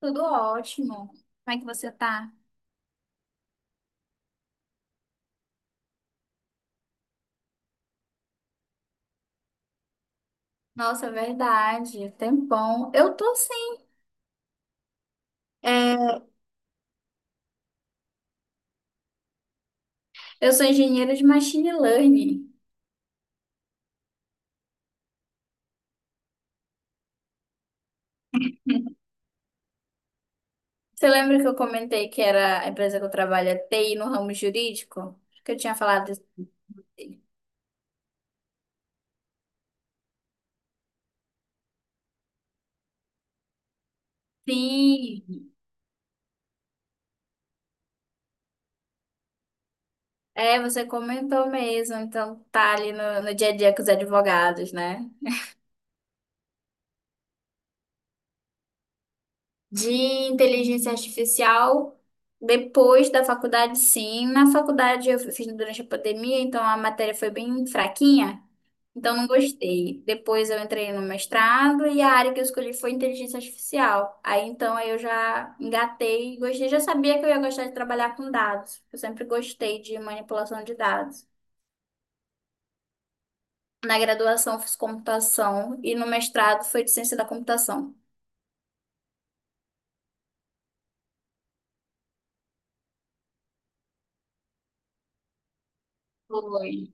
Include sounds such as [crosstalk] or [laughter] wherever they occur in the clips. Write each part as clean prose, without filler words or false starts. Tudo ótimo. Como é que você tá? Nossa, é verdade. Tempão. Eu tô sim. É, eu sou engenheira de machine learning. [laughs] Você lembra que eu comentei que era a empresa que eu trabalho é TI no ramo jurídico? Que eu tinha falado. Isso. Sim. É, você comentou mesmo. Então tá ali no dia a dia com os advogados, né? De inteligência artificial depois da faculdade, sim. Na faculdade eu fiz durante a pandemia, então a matéria foi bem fraquinha, então não gostei. Depois eu entrei no mestrado e a área que eu escolhi foi inteligência artificial. Aí eu já engatei e gostei, já sabia que eu ia gostar de trabalhar com dados. Eu sempre gostei de manipulação de dados. Na graduação eu fiz computação e no mestrado foi de ciência da computação. Foi.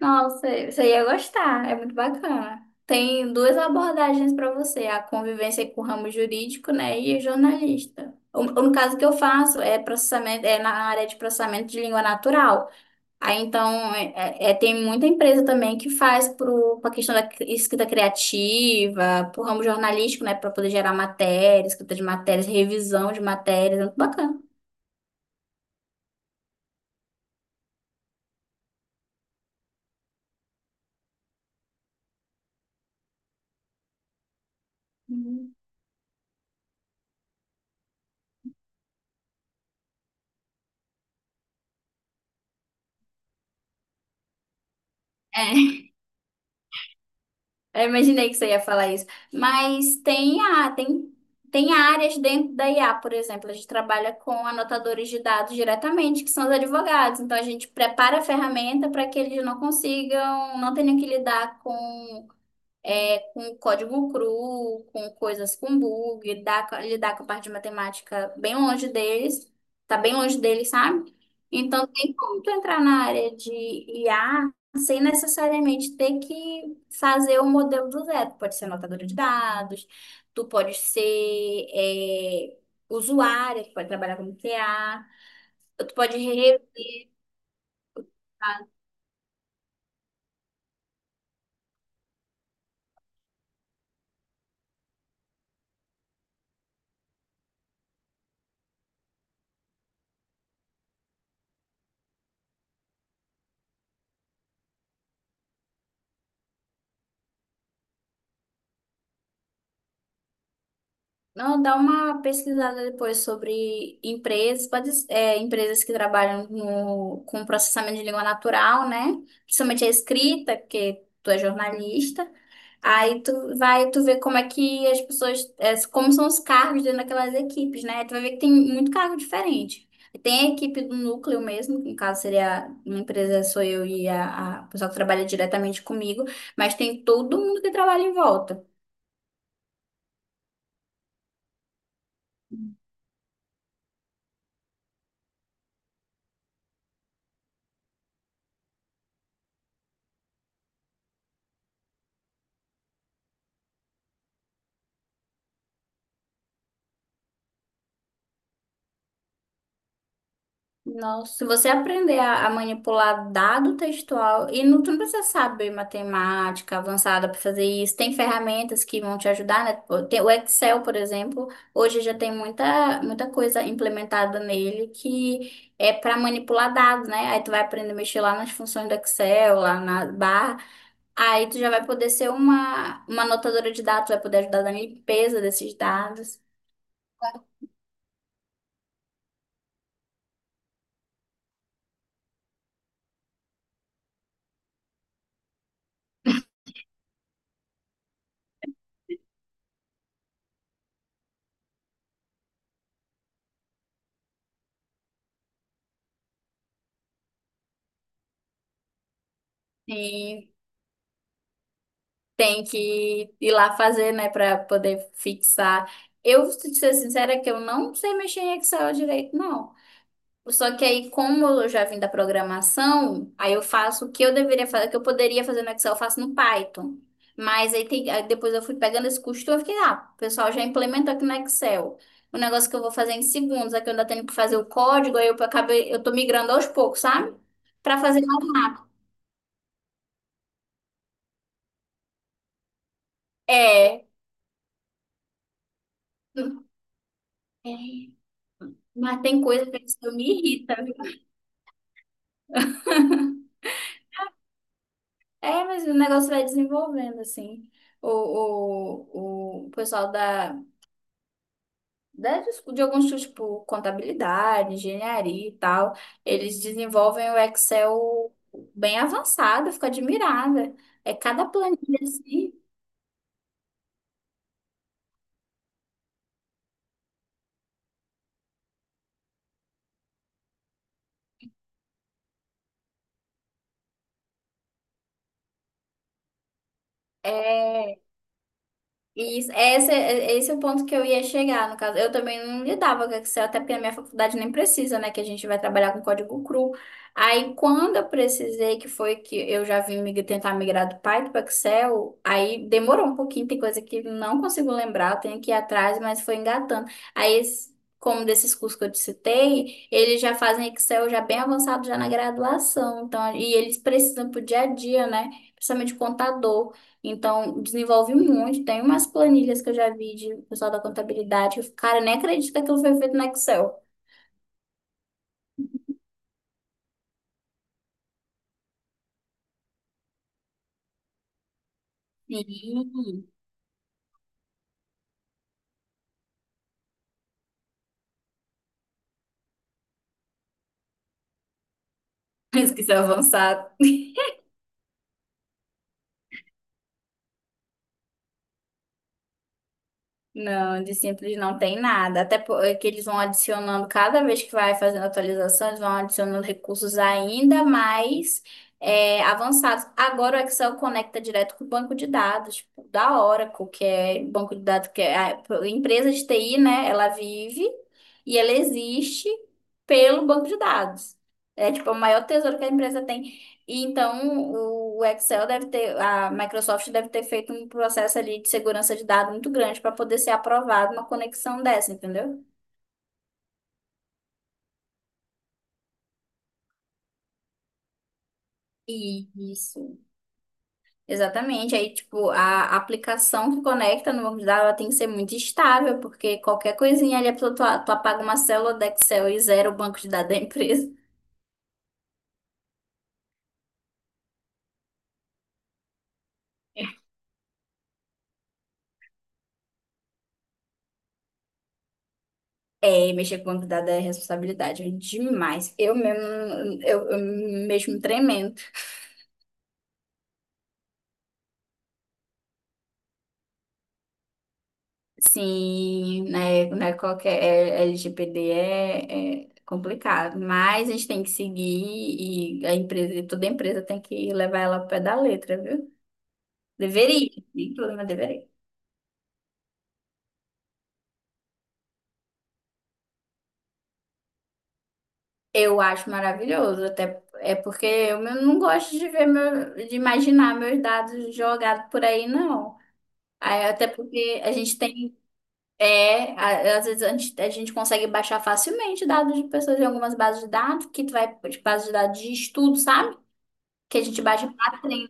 Nossa, você ia gostar, é muito bacana. Tem duas abordagens para você, a convivência com o ramo jurídico, né, e o jornalista. No caso que eu faço é na área de processamento de língua natural. Aí então é, é- é, Tem muita empresa também que faz para a questão da escrita criativa, para o ramo jornalístico, né, para poder gerar matérias, escrita de matérias, revisão de matérias, é muito bacana. Uhum. É. Eu imaginei que você ia falar isso. Mas tem a, tem, Tem áreas dentro da IA, por exemplo, a gente trabalha com anotadores de dados diretamente, que são os advogados. Então a gente prepara a ferramenta para que eles não consigam, não tenham que lidar com com código cru, com coisas com bug, dá, lidar com a parte de matemática tá bem longe deles, sabe? Então, tem como tu entrar na área de IA sem necessariamente ter que fazer o modelo do zero. Tu pode ser anotadora de dados, tu pode ser usuária, tu pode trabalhar como TA, tu pode revisar. Não, dá uma pesquisada depois sobre empresas, pode, é, empresas que trabalham com processamento de língua natural, né? Principalmente a escrita, porque tu é jornalista. Aí tu vai, tu vê como é que as pessoas, é, como são os cargos dentro daquelas equipes, né? Tu vai ver que tem muito cargo diferente. Tem a equipe do núcleo mesmo, que no caso seria uma empresa, sou eu e a pessoa que trabalha diretamente comigo, mas tem todo mundo que trabalha em volta. Nossa, se você aprender a manipular dado textual, e não, tu não precisa saber matemática avançada para fazer isso, tem ferramentas que vão te ajudar, né? Tipo, tem o Excel, por exemplo, hoje já tem muita coisa implementada nele que é para manipular dados, né? Aí tu vai aprender a mexer lá nas funções do Excel, lá na barra, aí tu já vai poder ser uma anotadora de dados, vai poder ajudar na limpeza desses dados. Sim. Tem que ir lá fazer, né, para poder fixar. Eu, se ser sincera, que eu não sei mexer em Excel direito, não. Só que aí, como eu já vim da programação, aí eu faço o que eu deveria fazer, o que eu poderia fazer no Excel, eu faço no Python. Mas aí, tem, aí depois eu fui pegando esse costume, eu fiquei, ah, o pessoal já implementou aqui no Excel. O negócio que eu vou fazer em segundos, aqui eu ainda tenho que fazer o código, aí eu acabei, eu tô migrando aos poucos, sabe? Pra fazer mais rápido. É. É, mas tem coisa que isso me irrita. É, mas o negócio vai desenvolvendo, assim. O, o pessoal da, de alguns cursos, tipo, contabilidade, engenharia e tal, eles desenvolvem o Excel bem avançado, eu fico admirada. É cada planilha, assim, é isso, esse é o ponto que eu ia chegar, no caso. Eu também não lidava com Excel, até porque a minha faculdade nem precisa, né? Que a gente vai trabalhar com código cru. Aí, quando eu precisei, que foi que eu já vim tentar migrar do Python para Excel, aí demorou um pouquinho, tem coisa que não consigo lembrar, eu tenho que ir atrás, mas foi engatando. Como desses cursos que eu te citei, eles já fazem Excel já bem avançado, já na graduação. Então, e eles precisam pro dia a dia, né? Principalmente contador. Então, desenvolve muito. Tem umas planilhas que eu já vi de pessoal da contabilidade, que eu fico, cara, nem acredita que aquilo foi feito no Excel. Sim. [laughs] Mas que isso é avançado. Não, de simples não tem nada. Até porque eles vão adicionando, cada vez que vai fazendo atualização, eles vão adicionando recursos ainda mais avançados. Agora o Excel conecta direto com o banco de dados, tipo, da Oracle, que é banco de dados, que é a empresa de TI, né? Ela vive e ela existe pelo banco de dados. É tipo é o maior tesouro que a empresa tem e então o Excel deve ter, a Microsoft deve ter feito um processo ali de segurança de dados muito grande para poder ser aprovado uma conexão dessa, entendeu? E isso. Exatamente. Aí, tipo, a aplicação que conecta no banco de dados ela tem que ser muito estável, porque qualquer coisinha ali, a pessoa, tu apaga uma célula do Excel e zera o banco de dados da empresa. [laughs] É, mexer com banco de dados é responsabilidade demais. Eu mesmo, eu mesmo tremendo. Sim, qualquer é, LGPD é, é complicado, mas a gente tem que seguir e a empresa, toda empresa tem que levar ela ao pé da letra, viu? Deveria, nem tudo, mas deveria. Eu acho maravilhoso, até é porque não gosto de ver meu, de imaginar meus dados jogados por aí, não. Aí, até porque a gente tem, às vezes a gente consegue baixar facilmente dados de pessoas em algumas bases de dados, que tu vai, tipo, bases de dados de estudo, sabe? Que a gente baixa pra, né?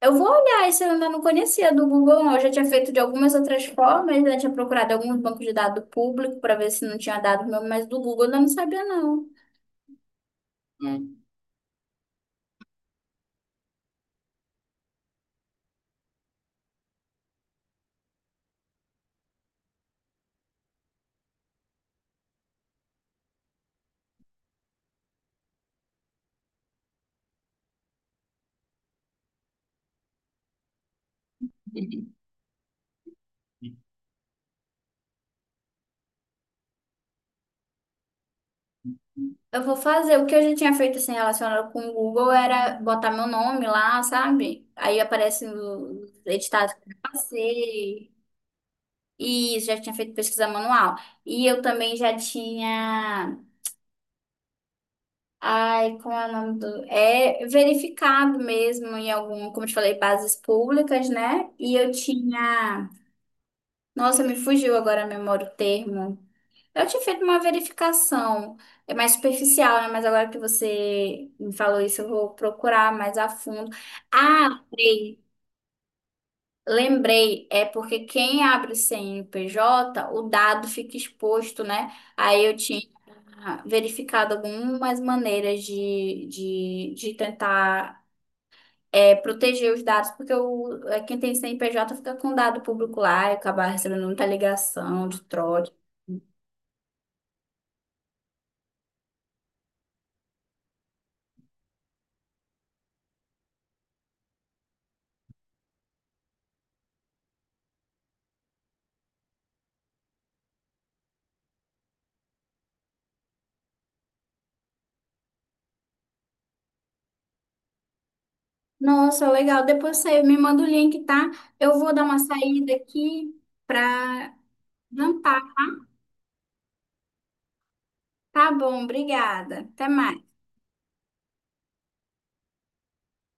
Eu vou olhar, esse eu ainda não conhecia do Google, não. Eu já tinha feito de algumas outras formas, né? Tinha procurado alguns bancos de dados público para ver se não tinha dado meu, mas do Google eu não sabia, não. Eu vou fazer. O que eu já tinha feito assim relacionado com o Google era botar meu nome lá, sabe? Aí aparece os editados que eu passei. E isso, já tinha feito pesquisa manual. E eu também já tinha. Ai, como é o nome do... É verificado mesmo em algum, como eu te falei, bases públicas, né? E eu tinha... Nossa, me fugiu agora a memória o termo. Eu tinha feito uma verificação, é mais superficial, né? Mas agora que você me falou isso, eu vou procurar mais a fundo. Ah, lembrei. Lembrei, é porque quem abre o CNPJ o dado fica exposto, né? Aí eu tinha verificado algumas maneiras de tentar proteger os dados, porque quem tem CNPJ fica com dado público lá e acaba recebendo muita ligação de trote. Nossa, legal. Depois você me manda o link, tá? Eu vou dar uma saída aqui para jantar. Tá bom, obrigada. Até mais.